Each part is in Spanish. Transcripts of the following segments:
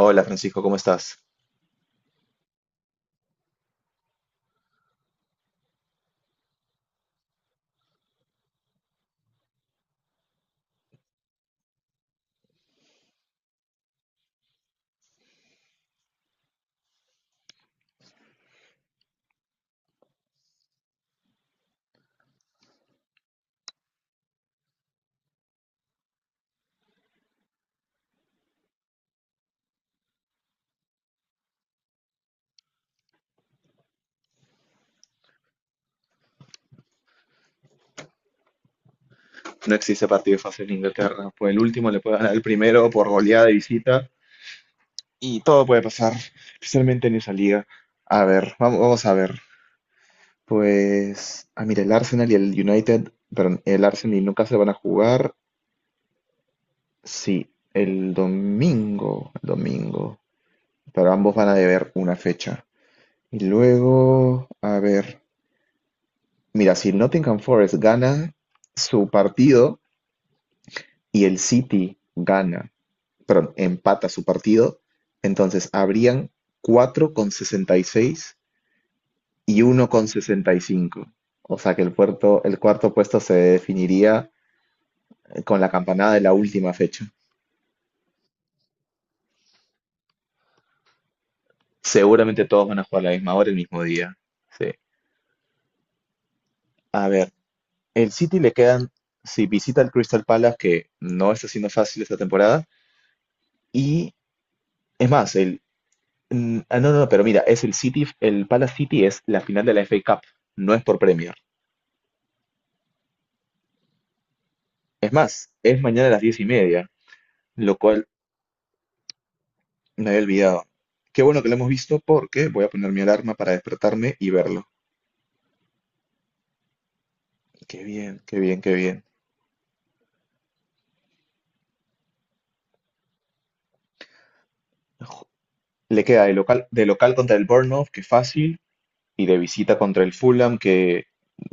Hola Francisco, ¿cómo estás? No existe partido fácil en Inglaterra. Pues el último le puede ganar el primero por goleada de visita y todo puede pasar, especialmente en esa liga. A ver, vamos a ver. Pues, mira, el Arsenal y el United, perdón, el Arsenal y el Newcastle van a jugar, sí, el domingo, pero ambos van a deber una fecha. Y luego, a ver, mira, si el Nottingham Forest gana su partido y el City gana perdón, empata su partido, entonces habrían 4 con 66 y 1 con 65. O sea que el cuarto puesto se definiría con la campanada de la última fecha. Seguramente todos van a jugar a la misma hora el mismo día. Sí. A ver, el City le quedan, si visita el Crystal Palace, que no está siendo fácil esta temporada, y es más, no, no, no, pero mira, es el City, el Palace City es la final de la FA Cup, no es por premio. Es más, es mañana a las 10 y media, lo cual me había olvidado. Qué bueno que lo hemos visto porque voy a poner mi alarma para despertarme y verlo. Qué bien, qué bien, qué bien. Le queda de local, contra el Bournemouth, que fácil, y de visita contra el Fulham, que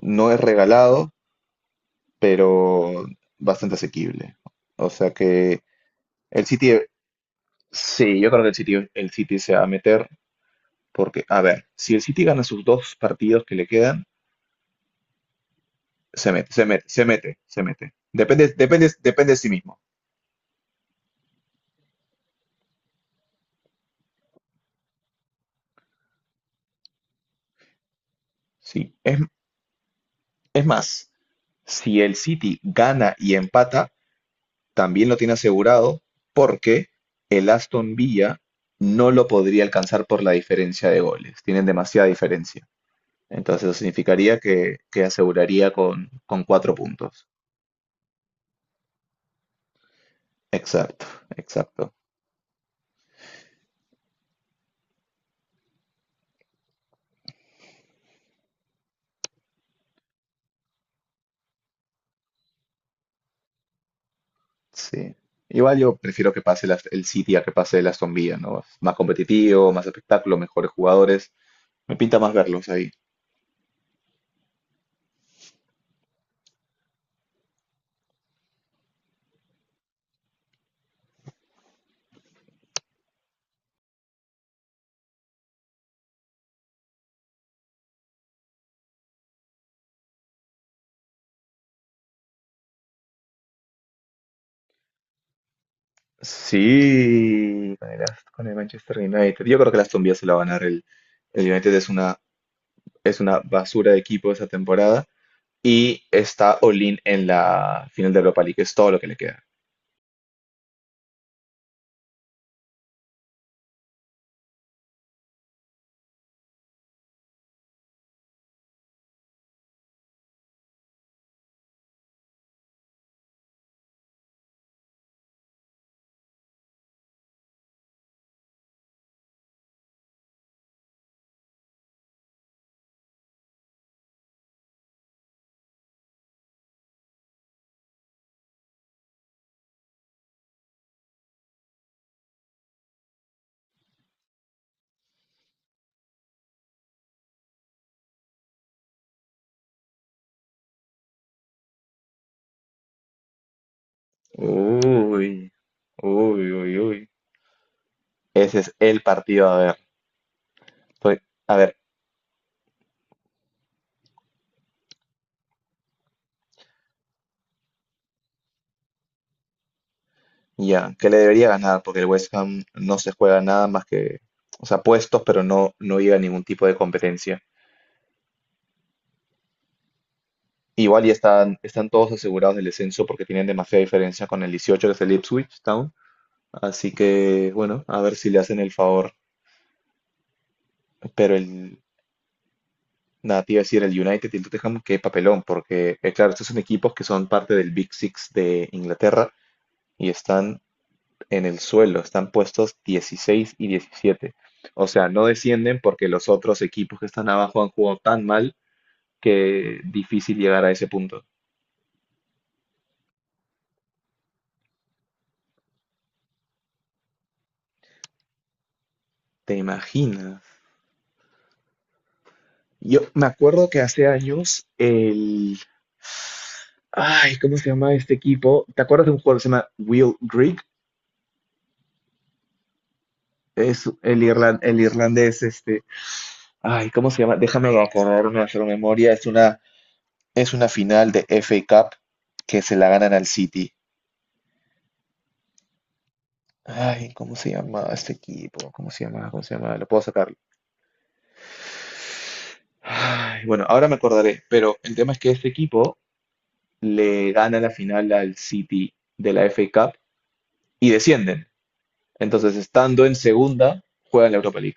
no es regalado, pero bastante asequible. O sea que el City, sí, yo creo que el City se va a meter porque, a ver, si el City gana sus dos partidos que le quedan, se mete, se mete, se mete, se mete. Depende, depende, depende de sí mismo. Sí. Es más, si el City gana y empata, también lo tiene asegurado porque el Aston Villa no lo podría alcanzar por la diferencia de goles. Tienen demasiada diferencia. Entonces eso significaría que aseguraría con 4 puntos. Exacto, exacto. Sí. Igual yo prefiero que pase el City a que pase el Aston Villa, ¿no? Es más competitivo, más espectáculo, mejores jugadores. Me pinta más verlos ahí. Sí, con el Manchester United. Yo creo que el Aston Villa se la va a ganar. El United es una basura de equipo esa temporada. Y está Olin en la final de Europa League, es todo lo que le queda. Uy, uy, uy, uy. Ese es el partido a ver. Estoy- a ver, ya, que le debería ganar, porque el West Ham no se juega nada más que, o sea, puestos, pero no, no llega a ningún tipo de competencia. Igual ya están todos asegurados del descenso porque tienen demasiada diferencia con el 18, que es el Ipswich Town. Así que, bueno, a ver si le hacen el favor. Pero el, nada, te iba a decir, el United y el Tottenham, qué papelón, porque, claro, estos son equipos que son parte del Big Six de Inglaterra y están en el suelo, están puestos 16 y 17. O sea, no descienden porque los otros equipos que están abajo han jugado tan mal que difícil llegar a ese punto. ¿Te imaginas? Yo me acuerdo que hace años el... Ay, ¿cómo se llama este equipo? ¿Te acuerdas de un jugador que se llama Will Grigg? Es el, irlan- el irlandés, este... Ay, ¿cómo se llama? Déjame acordarme, hacer memoria. Es una final de FA Cup que se la ganan al City. Ay, ¿cómo se llama este equipo? ¿Cómo se llama? ¿Cómo se llama? Lo puedo sacar. Ay, bueno, ahora me acordaré, pero el tema es que este equipo le gana la final al City de la FA Cup y descienden. Entonces, estando en segunda, juega en la Europa League.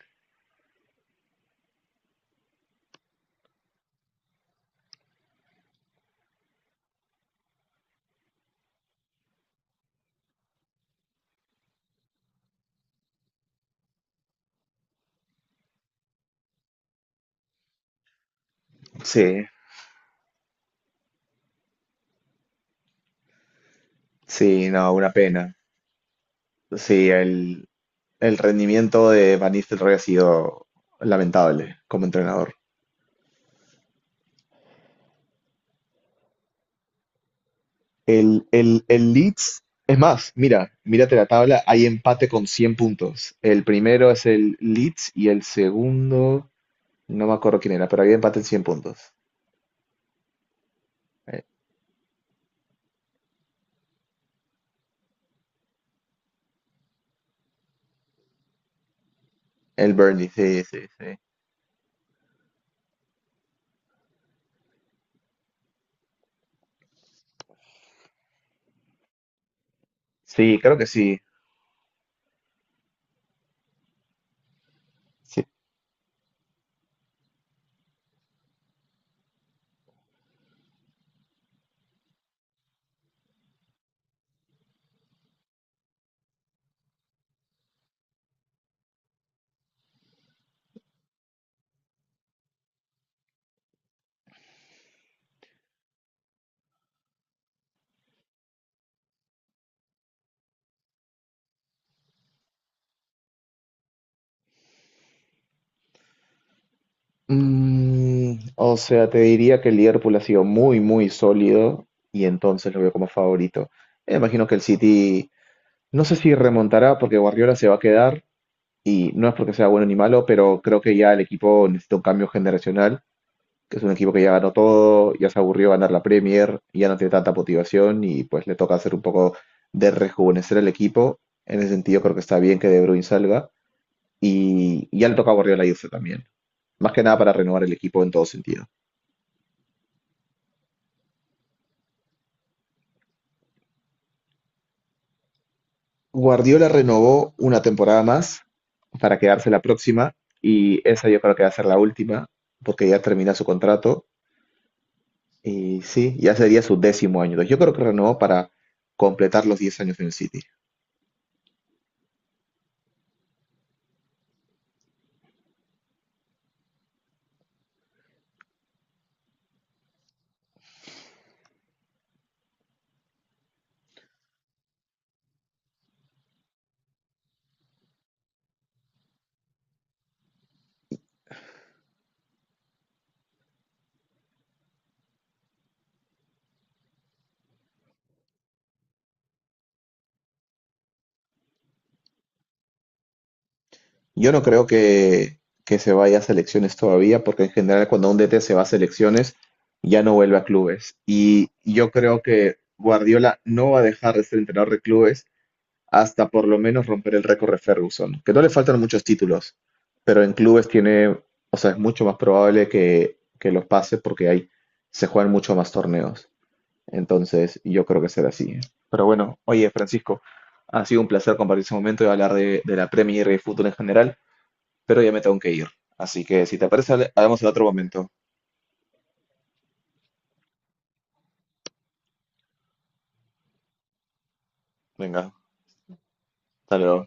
Sí, sí, no, una pena. Sí, el rendimiento de Van Nistelrooy ha sido lamentable como entrenador. El Leeds, es más, mira, mírate la tabla, hay empate con 100 puntos. El primero es el Leeds y el segundo, no me acuerdo quién era, pero había empate en 100 puntos. Eh, El Burnley, sí, sí, sí. Sí, creo que sí. Sí, o sea, te diría que el Liverpool ha sido muy, muy sólido y entonces lo veo como favorito. Me imagino que el City, no sé si remontará porque Guardiola se va a quedar y no es porque sea bueno ni malo, pero creo que ya el equipo necesita un cambio generacional, que es un equipo que ya ganó todo, ya se aburrió ganar la Premier, ya no tiene tanta motivación y pues le toca hacer un poco de rejuvenecer el equipo. En ese sentido creo que está bien que De Bruyne salga y ya le toca a Guardiola irse también. Más que nada para renovar el equipo en todo sentido. Guardiola renovó una temporada más para quedarse la próxima y esa yo creo que va a ser la última porque ya termina su contrato y sí, ya sería su décimo año. Entonces, yo creo que renovó para completar los 10 años en el City. Yo no creo que se vaya a selecciones todavía porque en general cuando un DT se va a selecciones ya no vuelve a clubes y yo creo que Guardiola no va a dejar de ser entrenador de clubes hasta por lo menos romper el récord de Ferguson, que no le faltan muchos títulos, pero en clubes tiene, o sea, es mucho más probable que los pase porque hay, se juegan mucho más torneos. Entonces, yo creo que será así. ¿Eh? Pero bueno, oye, Francisco, ha sido un placer compartir ese momento y hablar de la Premier y de fútbol en general, pero ya me tengo que ir. Así que si te parece, hablamos en otro momento. Venga, hasta luego.